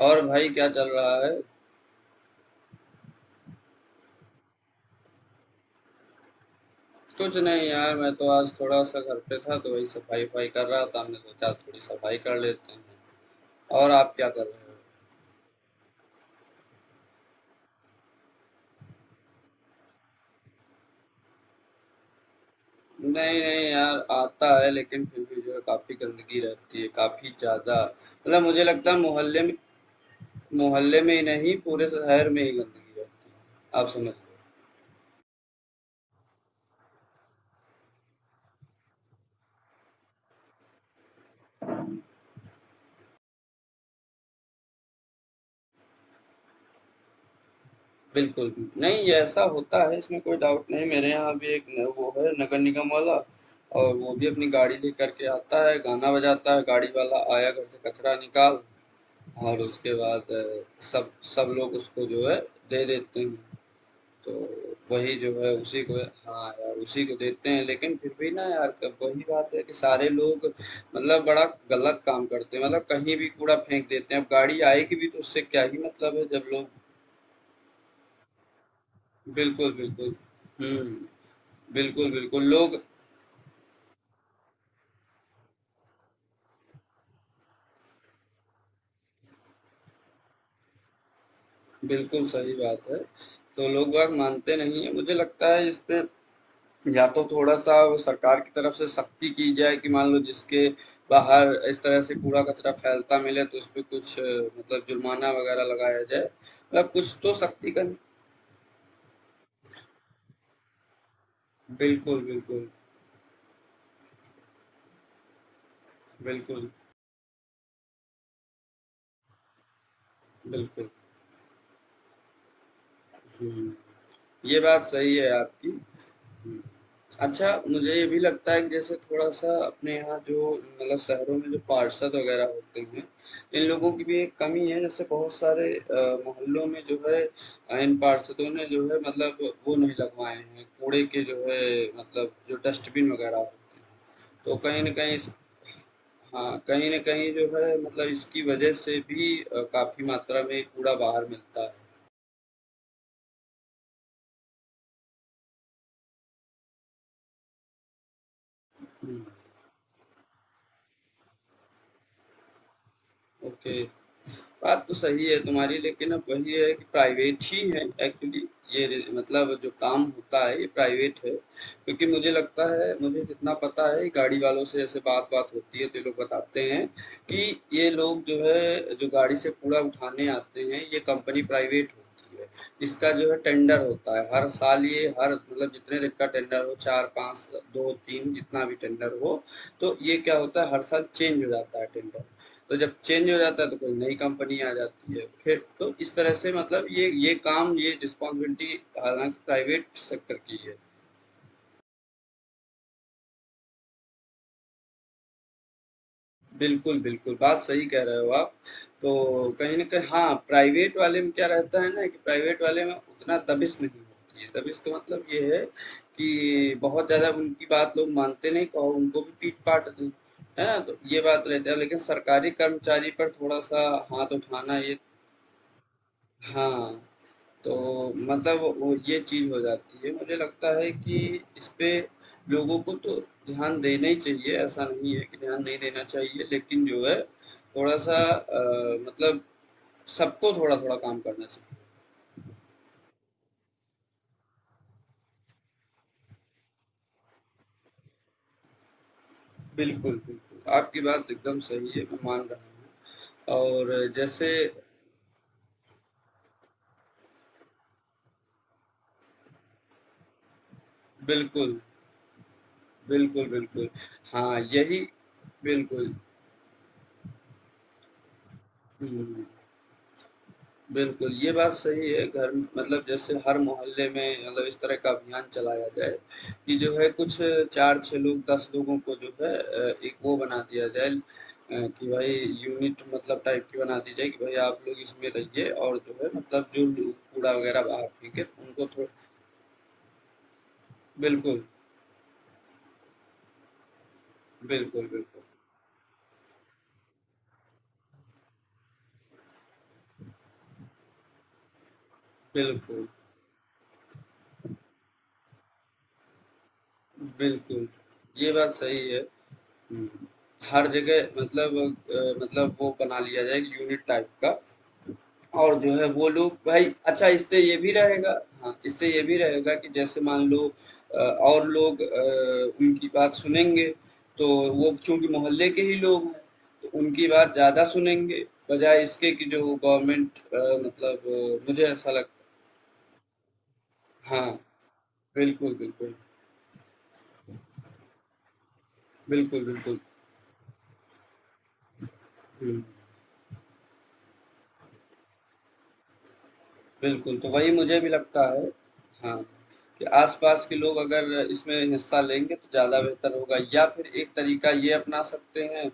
और भाई क्या चल रहा है? कुछ नहीं यार, मैं तो आज थोड़ा सा घर पे था, तो वही सफाई वफाई कर रहा था। हमने सोचा थोड़ी सफाई कर लेते हैं। और आप क्या कर रहे हो? नहीं नहीं यार, आता है लेकिन फिर भी जो है काफी गंदगी रहती है, काफी ज्यादा। मतलब मुझे लगता है मोहल्ले में, मोहल्ले में ही नहीं पूरे शहर में ही गंदगी रहती है। आप समझ लो। बिल्कुल, नहीं ये ऐसा होता है, इसमें कोई डाउट नहीं। मेरे यहाँ भी एक न वो है, नगर निगम वाला। और वो भी अपनी गाड़ी लेकर के आता है, गाना बजाता है, गाड़ी वाला आया घर से कचरा निकाल। और उसके बाद सब सब लोग उसको जो है दे देते हैं। तो वही जो है, उसी को। हाँ यार, उसी को देते हैं, लेकिन फिर भी ना यार, क वही बात है कि सारे लोग मतलब बड़ा गलत काम करते हैं, मतलब कहीं भी कूड़ा फेंक देते हैं। अब गाड़ी आएगी भी तो उससे क्या ही मतलब है जब लोग बिल्कुल, बिल्कुल। हुँ। बिल्कुल, बिल्कुल। लोग बिल्कुल सही बात है। तो लोग बाग मानते नहीं हैं। मुझे लगता है इस पे या तो थोड़ा-सा वो सरकार की तरफ से सख्ती की जाए, कि मान लो जिसके बाहर इस तरह से कूड़ा-कचरा फैलता मिले तो उसपे कुछ मतलब जुर्माना वग़ैरह लगाया जाए। मतलब कुछ तो सख्ती का बिल्कुल, बिल्कुल। बिल्कुल, बिल्कुल। हुँ। ये बात सही है आपकी। हुँ। अच्छा, मुझे ये भी लगता है कि जैसे थोड़ा-सा अपने यहाँ जो मतलब शहरों में जो पार्षद वगैरह होते हैं, इन लोगों की भी एक कमी है। जैसे बहुत सारे मोहल्लों में जो है इन पार्षदों ने जो है मतलब वो नहीं लगवाए हैं, कूड़े के जो है मतलब जो डस्टबिन वगैरह होते हैं, तो कहीं न कहीं इस हाँ, कहीं न कहीं जो है मतलब इसकी वजह से भी काफ़ी मात्रा में कूड़ा बाहर मिलता है। हुँ, ओके। बात तो सही है तुम्हारी, लेकिन अब वही है कि प्राइवेट ही है एक्चुअली। ये मतलब जो काम होता है ये प्राइवेट है। क्योंकि मुझे लगता है, मुझे जितना पता है गाड़ी वालों से ऐसे बात बात होती है, तो ये लोग बताते हैं कि ये लोग जो है, जो गाड़ी से कूड़ा उठाने आते हैं, ये कंपनी प्राइवेट होती है। इसका जो है टेंडर होता है हर साल। ये हर मतलब जितने दिन का टेंडर हो, चार पाँच दो तीन जितना भी टेंडर हो, तो ये क्या होता है हर साल चेंज हो जाता है टेंडर। तो जब चेंज हो जाता है तो कोई नई कंपनी आ जाती है। फिर तो इस तरह से मतलब ये काम, ये रिस्पॉन्सिबिलिटी हालांकि प्राइवेट सेक्टर की है। बिल्कुल बिल्कुल, बात सही कह रहे हो आप। तो कहीं ना कहीं हाँ प्राइवेट वाले में क्या रहता है ना, कि प्राइवेट वाले में उतना दबिश नहीं होती है। दबिश का मतलब ये है कि बहुत ज़्यादा उनकी बात लोग मानते नहीं, कहो उनको भी पीट पाट दें, है ना। तो ये बात रहती है, लेकिन सरकारी कर्मचारी पर थोड़ा सा हाथ उठाना ये हाँ। तो मतलब वो ये चीज़ हो जाती है। मुझे लगता है कि इसपे लोगों को तो ध्यान देना ही चाहिए, ऐसा नहीं है कि ध्यान नहीं देना चाहिए, लेकिन जो है थोड़ा-सा मतलब सबको थोड़ा-थोड़ा काम करना चाहिए। बिल्कुल, बिल्कुल, आपकी बात एकदम सही है, मैं मान रहा हूँ। और जैसे बिल्कुल, बिल्कुल, बिल्कुल। हाँ, यही बिल्कुल। हुँ। बिल्कुल, ये बात सही है। घर मतलब जैसे हर मोहल्ले में मतलब इस तरह का अभियान चलाया जाए कि जो है कुछ 4-6 लोग, 10 लोगों को जो है एक वो बना दिया जाए, कि भाई यूनिट मतलब टाइप की बना दी जाए, कि भाई आप लोग इसमें रहिए और जो है मतलब जो लोग कूड़ा वगैरह बाहर फेंके उनको थोड़ा बिल्कुल, बिल्कुल, बिल्कुल, बिल्कुल, बिल्कुल। ये बात सही है। हुँ। हर जगह मतलब मतलब वो बना लिया जाए यूनिट टाइप का। और जो है वो लोग भाई अच्छा इससे ये भी रहेगा। हाँ, इससे ये भी रहेगा कि जैसे मान लो और लोग उनकी बात सुनेंगे। तो वो चूंकि मोहल्ले के ही लोग हैं, तो उनकी बात ज़्यादा सुनेंगे बजाय इसके कि जो गवर्नमेंट मतलब मतलब, मुझे ऐसा लगता हाँ बिल्कुल बिल्कुल बिल्कुल बिल्कुल हम्म। बिल्कुल, तो वही मुझे भी लगता है हाँ, कि आस-पास के लोग अगर इसमें हिस्सा लेंगे तो ज़्यादा बेहतर होगा। या फिर एक तरीका ये अपना सकते हैं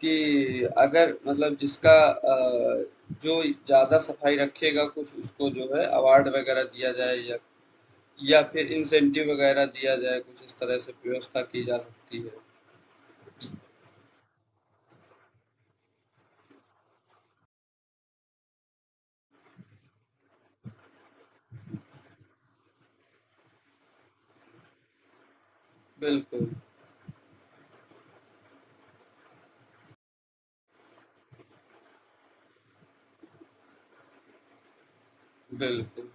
कि अगर मतलब जिसका जो ज़्यादा सफाई रखेगा कुछ उसको जो है अवार्ड वगैरह दिया जाए, या फिर इंसेंटिव वगैरह दिया जाए, कुछ इस तरह से व्यवस्था की जा सकती है। बिल्कुल, बिल्कुल।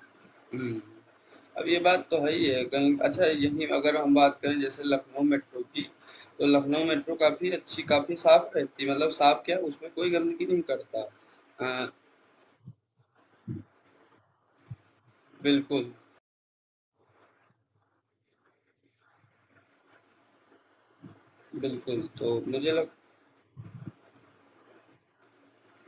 हुँ। अब ये बात तो है ही है कहीं। अच्छा यहीं अगर हम बात करें जैसे लखनऊ मेट्रो की, तो लखनऊ मेट्रो काफ़ी अच्छी, काफ़ी साफ़ रहती है। मतलब साफ़ क्या, उसमें कोई गंदगी नहीं करता। हाँ, बिल्कुल बिल्कुल, तो मुझे लग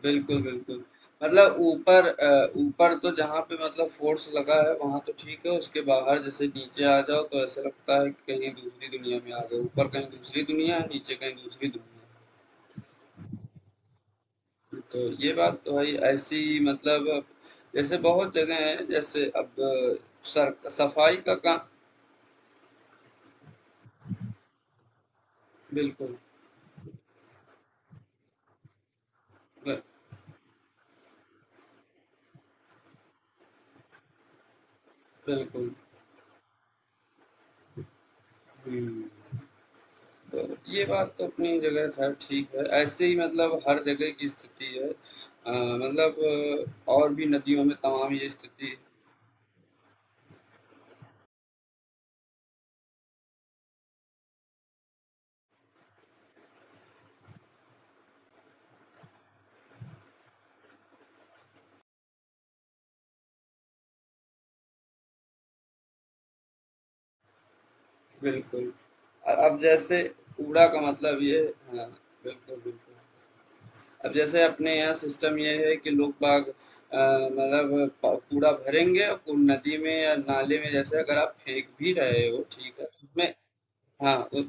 बिल्कुल बिल्कुल। मतलब ऊपर ऊपर तो जहाँ पे मतलब फोर्स लगा है वहाँ तो ठीक है, उसके बाहर जैसे नीचे आ जाओ, तो ऐसा लगता है कि कहीं दूसरी दुनिया में आ गए। ऊपर कहीं दूसरी दुनिया है, नीचे कहीं दूसरी दुनिया है। तो ये बात तो है ही, ऐसी मतलब अब जैसे बहुत जगह हैं, जैसे अब सर सफाई का काम बिल्कुल ब- बिल्कुल हम्म। तो ये बात तो अपनी जगह खैर ठीक है, ऐसे ही मतलब हर जगह की स्थिति है मतलब और भी नदियों में तमाम ये स्थिति बिल्कुल अब जैसे कूड़ा का मतलब ये हाँ बिल्कुल बिल्कुल। अब जैसे अपने यहाँ सिस्टम ये है कि लोग बाग मतलब प कूड़ा भरेंगे और कू नदी में या नाले में जैसे अगर आप फेंक भी रहे हो, ठीक है, तो उसमें हाँ, उ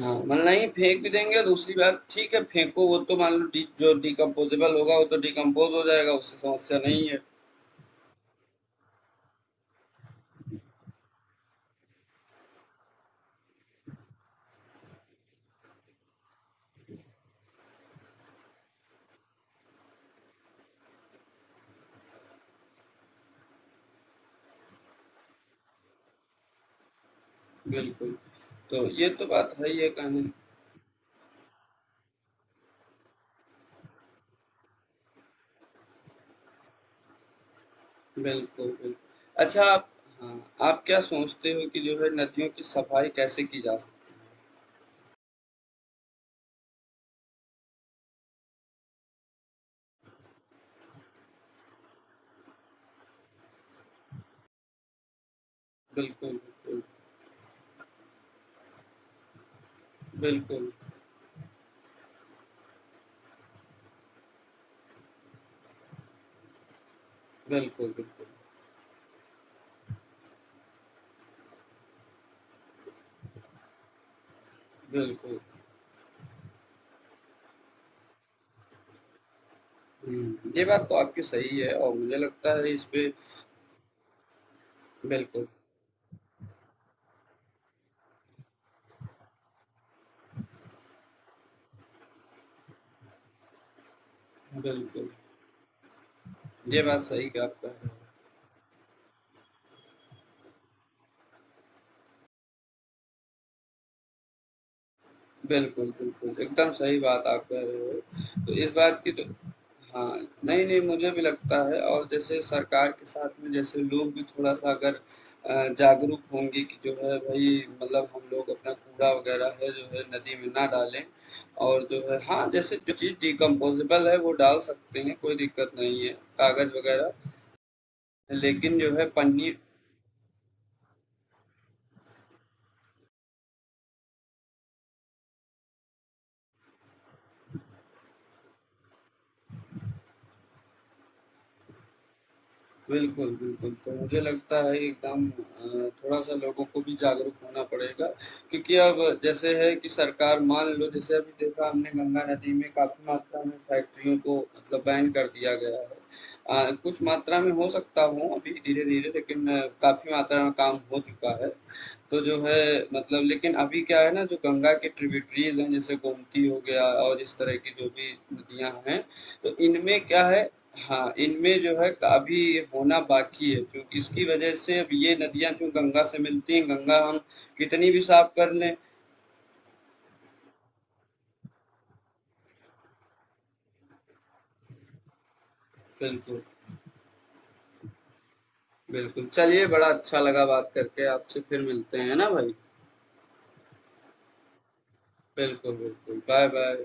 हाँ, मतलब नहीं फेंक भी देंगे, दूसरी बात ठीक है फेंको, वो तो मान लो डी जो डिकम्पोज़ेबल होगा वो तो डिकम्पोज़ हो जाएगा, उससे समस्या नहीं है। बिल्कुल, तो ये तो बात है ही है कहीं बिल्कुल, बिल्कुल। अच्छा आप हाँ, आप क्या सोचते हो कि जो है नदियों की सफाई कैसे की जा सकती है? बिल्कुल, बिल्कुल। बिल्कुल, बिल्कुल, बिल्कुल। बिल्कुल। हुँ। ये बात तो आपकी सही है, और मुझे लगता है इस पे बिल्कुल, बिल्कुल। ये बात सही कहा आपका। बिल्कुल, बिल्कुल, एकदम सही बात आप कह रहे हो। तो इस बात की तो हाँ, नहीं-नहीं मुझे भी लगता है, और जैसे सरकार के साथ में जैसे लोग भी थोड़ा-सा अगर जागरूक होंगे कि जो है भई मतलब हम लोग अपना कूड़ा वगैरह है जो है नदी में ना डालें। और जो है हाँ, जैसे जो चीज़ डिकम्पोज़ेबल है वो डाल सकते हैं, कोई दिक्कत नहीं है। कागज़ वगैरह, लेकिन जो है पन्नी बिल्कुल, बिल्कुल। तो मुझे लगता है एकदम थोड़ा-सा लोगों को भी जागरूक होना पड़ेगा, क्योंकि अब जैसे है कि सरकार मान लो, जैसे अभी देखा हमने गंगा नदी में काफ़ी मात्रा में फैक्ट्रियों को मतलब बैन कर दिया गया है। कुछ मात्रा में हो सकता हो अभी धीरे-धीरे, लेकिन काफ़ी मात्रा में काम हो चुका है। तो जो है मतलब लेकिन अभी क्या है ना, जो गंगा के ट्रिब्यूटरीज हैं जैसे गोमती हो गया और इस तरह की जो भी नदियां हैं, तो इनमें क्या है। हाँ इनमें जो है अभी ये होना बाकी है, क्योंकि इसकी वजह से अब ये नदियां जो गंगा से मिलती हैं, गंगा हम कितनी भी साफ कर लें। बिल्कुल बिल्कुल, चलिए बड़ा अच्छा लगा बात करके आपसे, फिर मिलते हैं ना भाई। बिल्कुल बिल्कुल, बाय बाय।